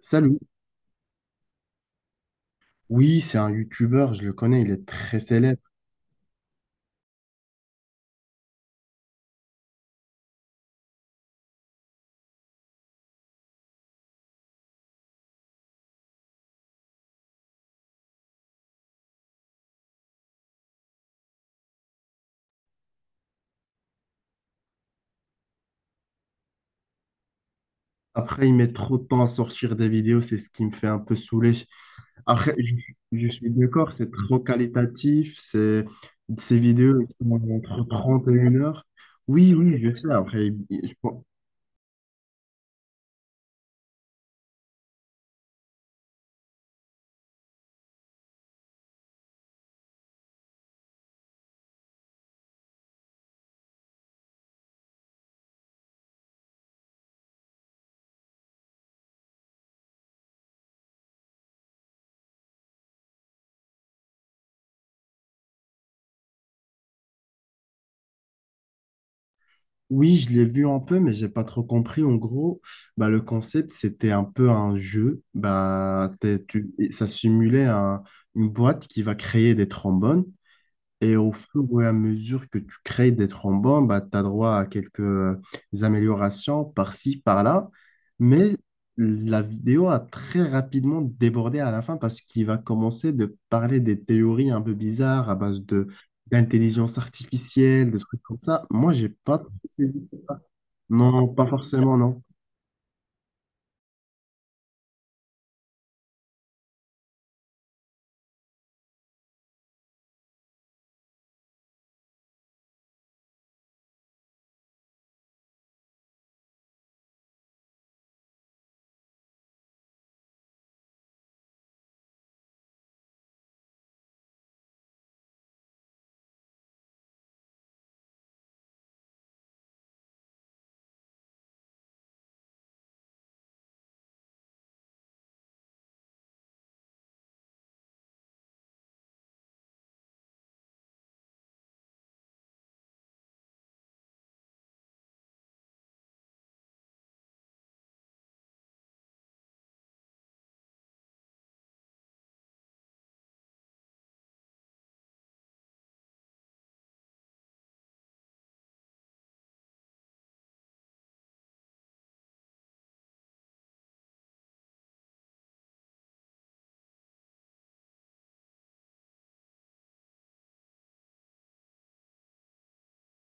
Salut. Oui, c'est un youtubeur, je le connais, il est très célèbre. Après, il met trop de temps à sortir des vidéos, c'est ce qui me fait un peu saouler. Après, je suis d'accord, c'est trop qualitatif, c'est, ces vidéos, elles sont entre 30 et une heure. Oui, oui, je sais. Après, je pense- oui, je l'ai vu un peu, mais j'ai pas trop compris. En gros, bah, le concept, c'était un peu un jeu. Bah, ça simulait un- une boîte qui va créer des trombones. Et au fur et à mesure que tu crées des thrombons, bah, tu as droit à quelques améliorations par-ci, par-là. Mais la vidéo a très rapidement débordé à la fin parce qu'il va commencer de parler des théories un peu bizarres à base de d'intelligence artificielle, de trucs comme ça. Moi, j'ai pas saisi. Non, pas forcément, non.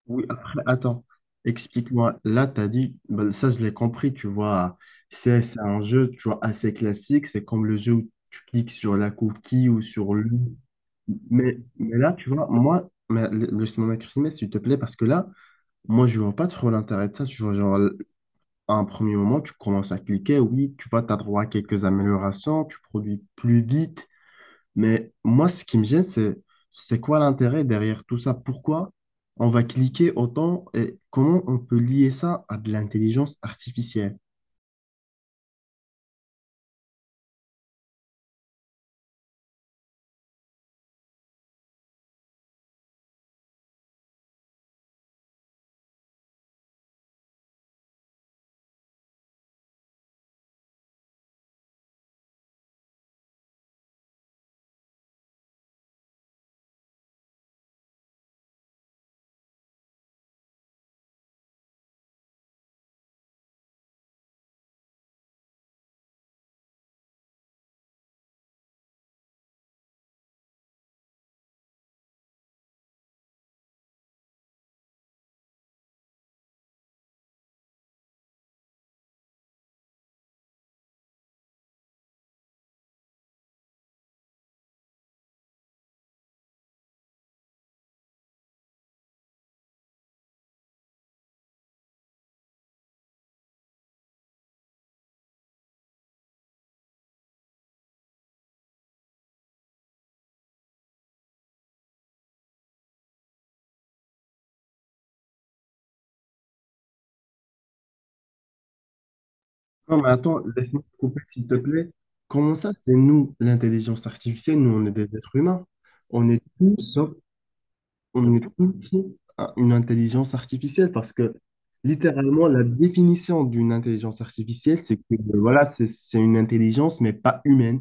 Oui, après, attends, explique-moi. Là, tu as dit, ben, ça, je l'ai compris, tu vois, c'est un jeu, tu vois, assez classique. C'est comme le jeu où tu cliques sur la cookie ou sur le. Mais là, tu vois, moi, mais, laisse-moi m'exprimer, s'il te plaît, parce que là, moi, je vois pas trop l'intérêt de ça. Tu vois, genre, à un premier moment, tu commences à cliquer, oui, tu vois, tu as droit à quelques améliorations, tu produis plus vite, mais moi, ce qui me gêne, c'est quoi l'intérêt derrière tout ça? Pourquoi on va cliquer autant et comment on peut lier ça à de l'intelligence artificielle? Non, mais attends, laisse-moi te couper, s'il te plaît. Comment ça, c'est nous, l'intelligence artificielle? Nous, on est des êtres humains. On est tous sauf, on est tous sauf un- une intelligence artificielle parce que littéralement, la définition d'une intelligence artificielle, c'est que voilà, c'est une intelligence, mais pas humaine.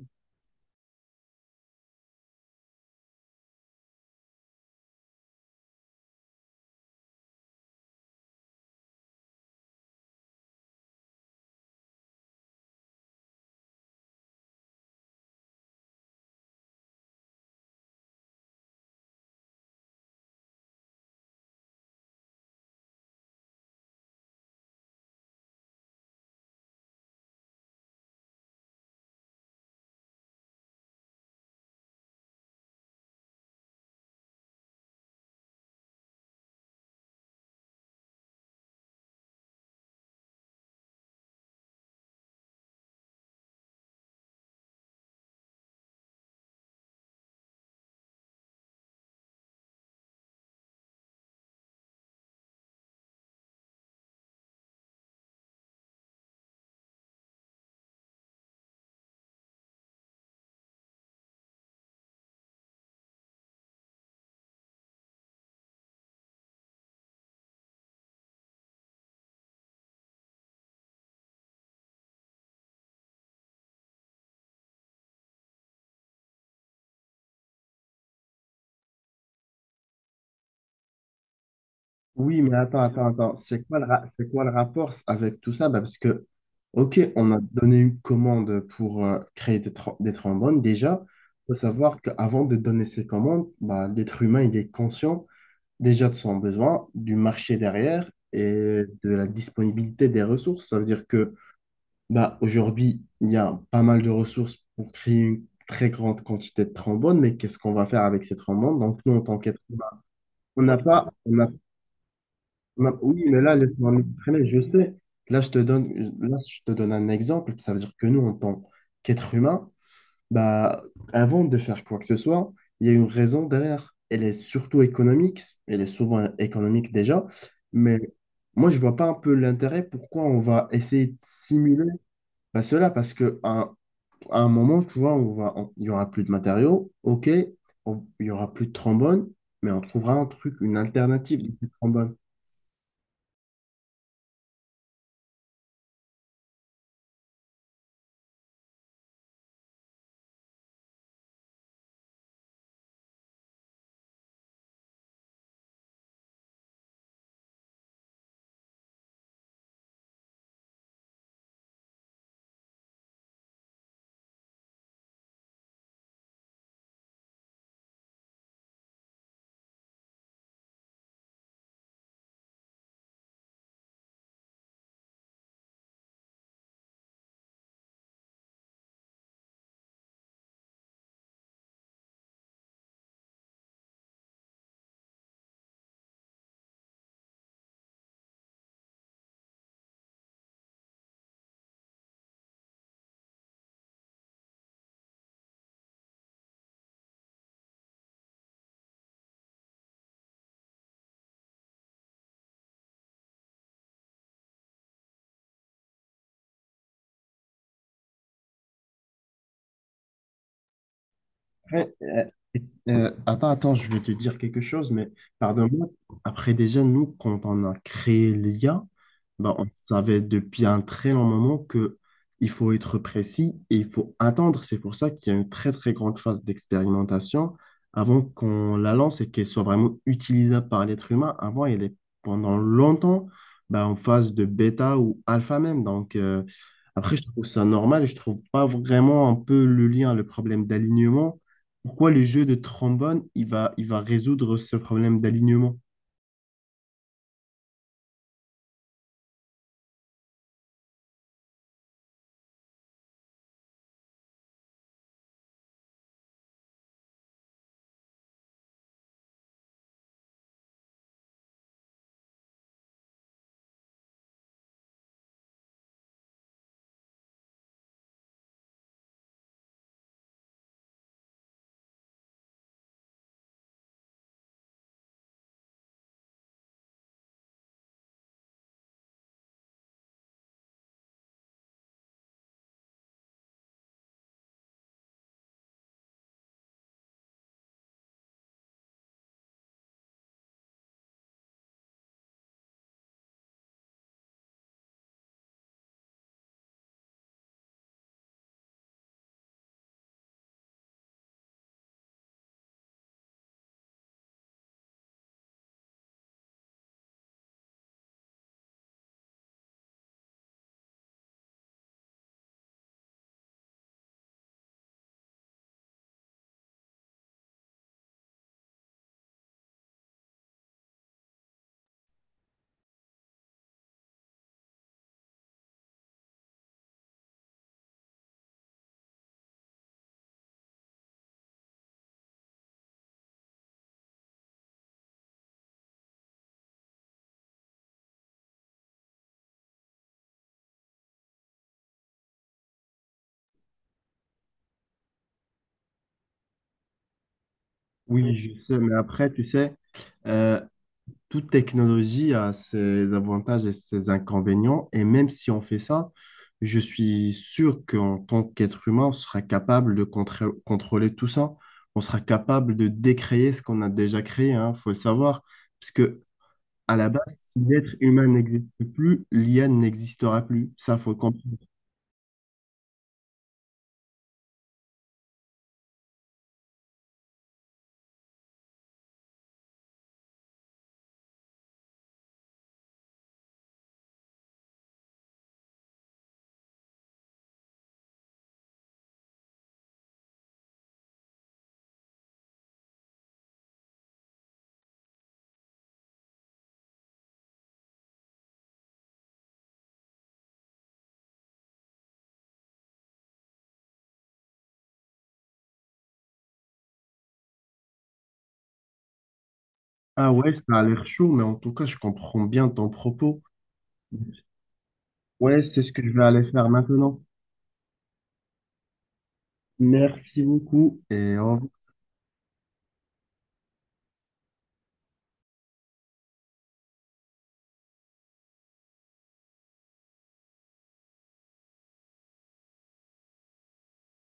Oui, mais attends, attends, attends. C'est quoi le, c'est quoi le rapport avec tout ça? Bah, parce que, OK, on a donné une commande pour créer des, des trombones. Déjà, il faut savoir qu'avant de donner ces commandes, bah, l'être humain, il est conscient déjà de son besoin, du marché derrière et de la disponibilité des ressources. Ça veut dire que bah, aujourd'hui, il y a pas mal de ressources pour créer une très grande quantité de trombones, mais qu'est-ce qu'on va faire avec ces trombones? Donc, nous, en tant qu'être humain, on n'a pas, on n'a Ma- Oui, mais là, laisse-moi m'exprimer. Je sais, là, je te donne un exemple. Ça veut dire que nous, en tant qu'êtres humains, bah, avant de faire quoi que ce soit, il y a une raison derrière. Elle est surtout économique. Elle est souvent économique déjà. Mais moi, je vois pas un peu l'intérêt pourquoi on va essayer de simuler bah, cela. Parce que à un moment, tu vois, il y aura plus de matériaux. OK, il y aura plus de trombone, mais on trouvera un truc, une alternative de trombone. Après, attends, attends, je vais te dire quelque chose, mais pardonne-moi. Après, déjà, nous, quand on a créé l'IA, ben, on savait depuis un très long moment que il faut être précis et il faut attendre. C'est pour ça qu'il y a une très, très grande phase d'expérimentation avant qu'on la lance et qu'elle soit vraiment utilisable par l'être humain. Avant, elle est pendant longtemps ben, en phase de bêta ou alpha même. Donc, après, je trouve ça normal et je trouve pas vraiment un peu le lien, le problème d'alignement pourquoi le jeu de trombone, il va résoudre ce problème d'alignement? Oui, je sais, mais après, tu sais, euh, toute technologie a ses avantages et ses inconvénients, et même si on fait ça, je suis sûr qu'en tant qu'être humain, on sera capable de contrôler tout ça. On sera capable de décréer ce qu'on a déjà créé, il faut le savoir. Parce que, à la base, si l'être humain n'existe plus, l'IA n'existera plus. Ça, faut le comprendre. Ah ouais, ça a l'air chaud, mais en tout cas, je comprends bien ton propos. Ouais, c'est ce que je vais aller faire maintenant. Merci beaucoup et au revoir.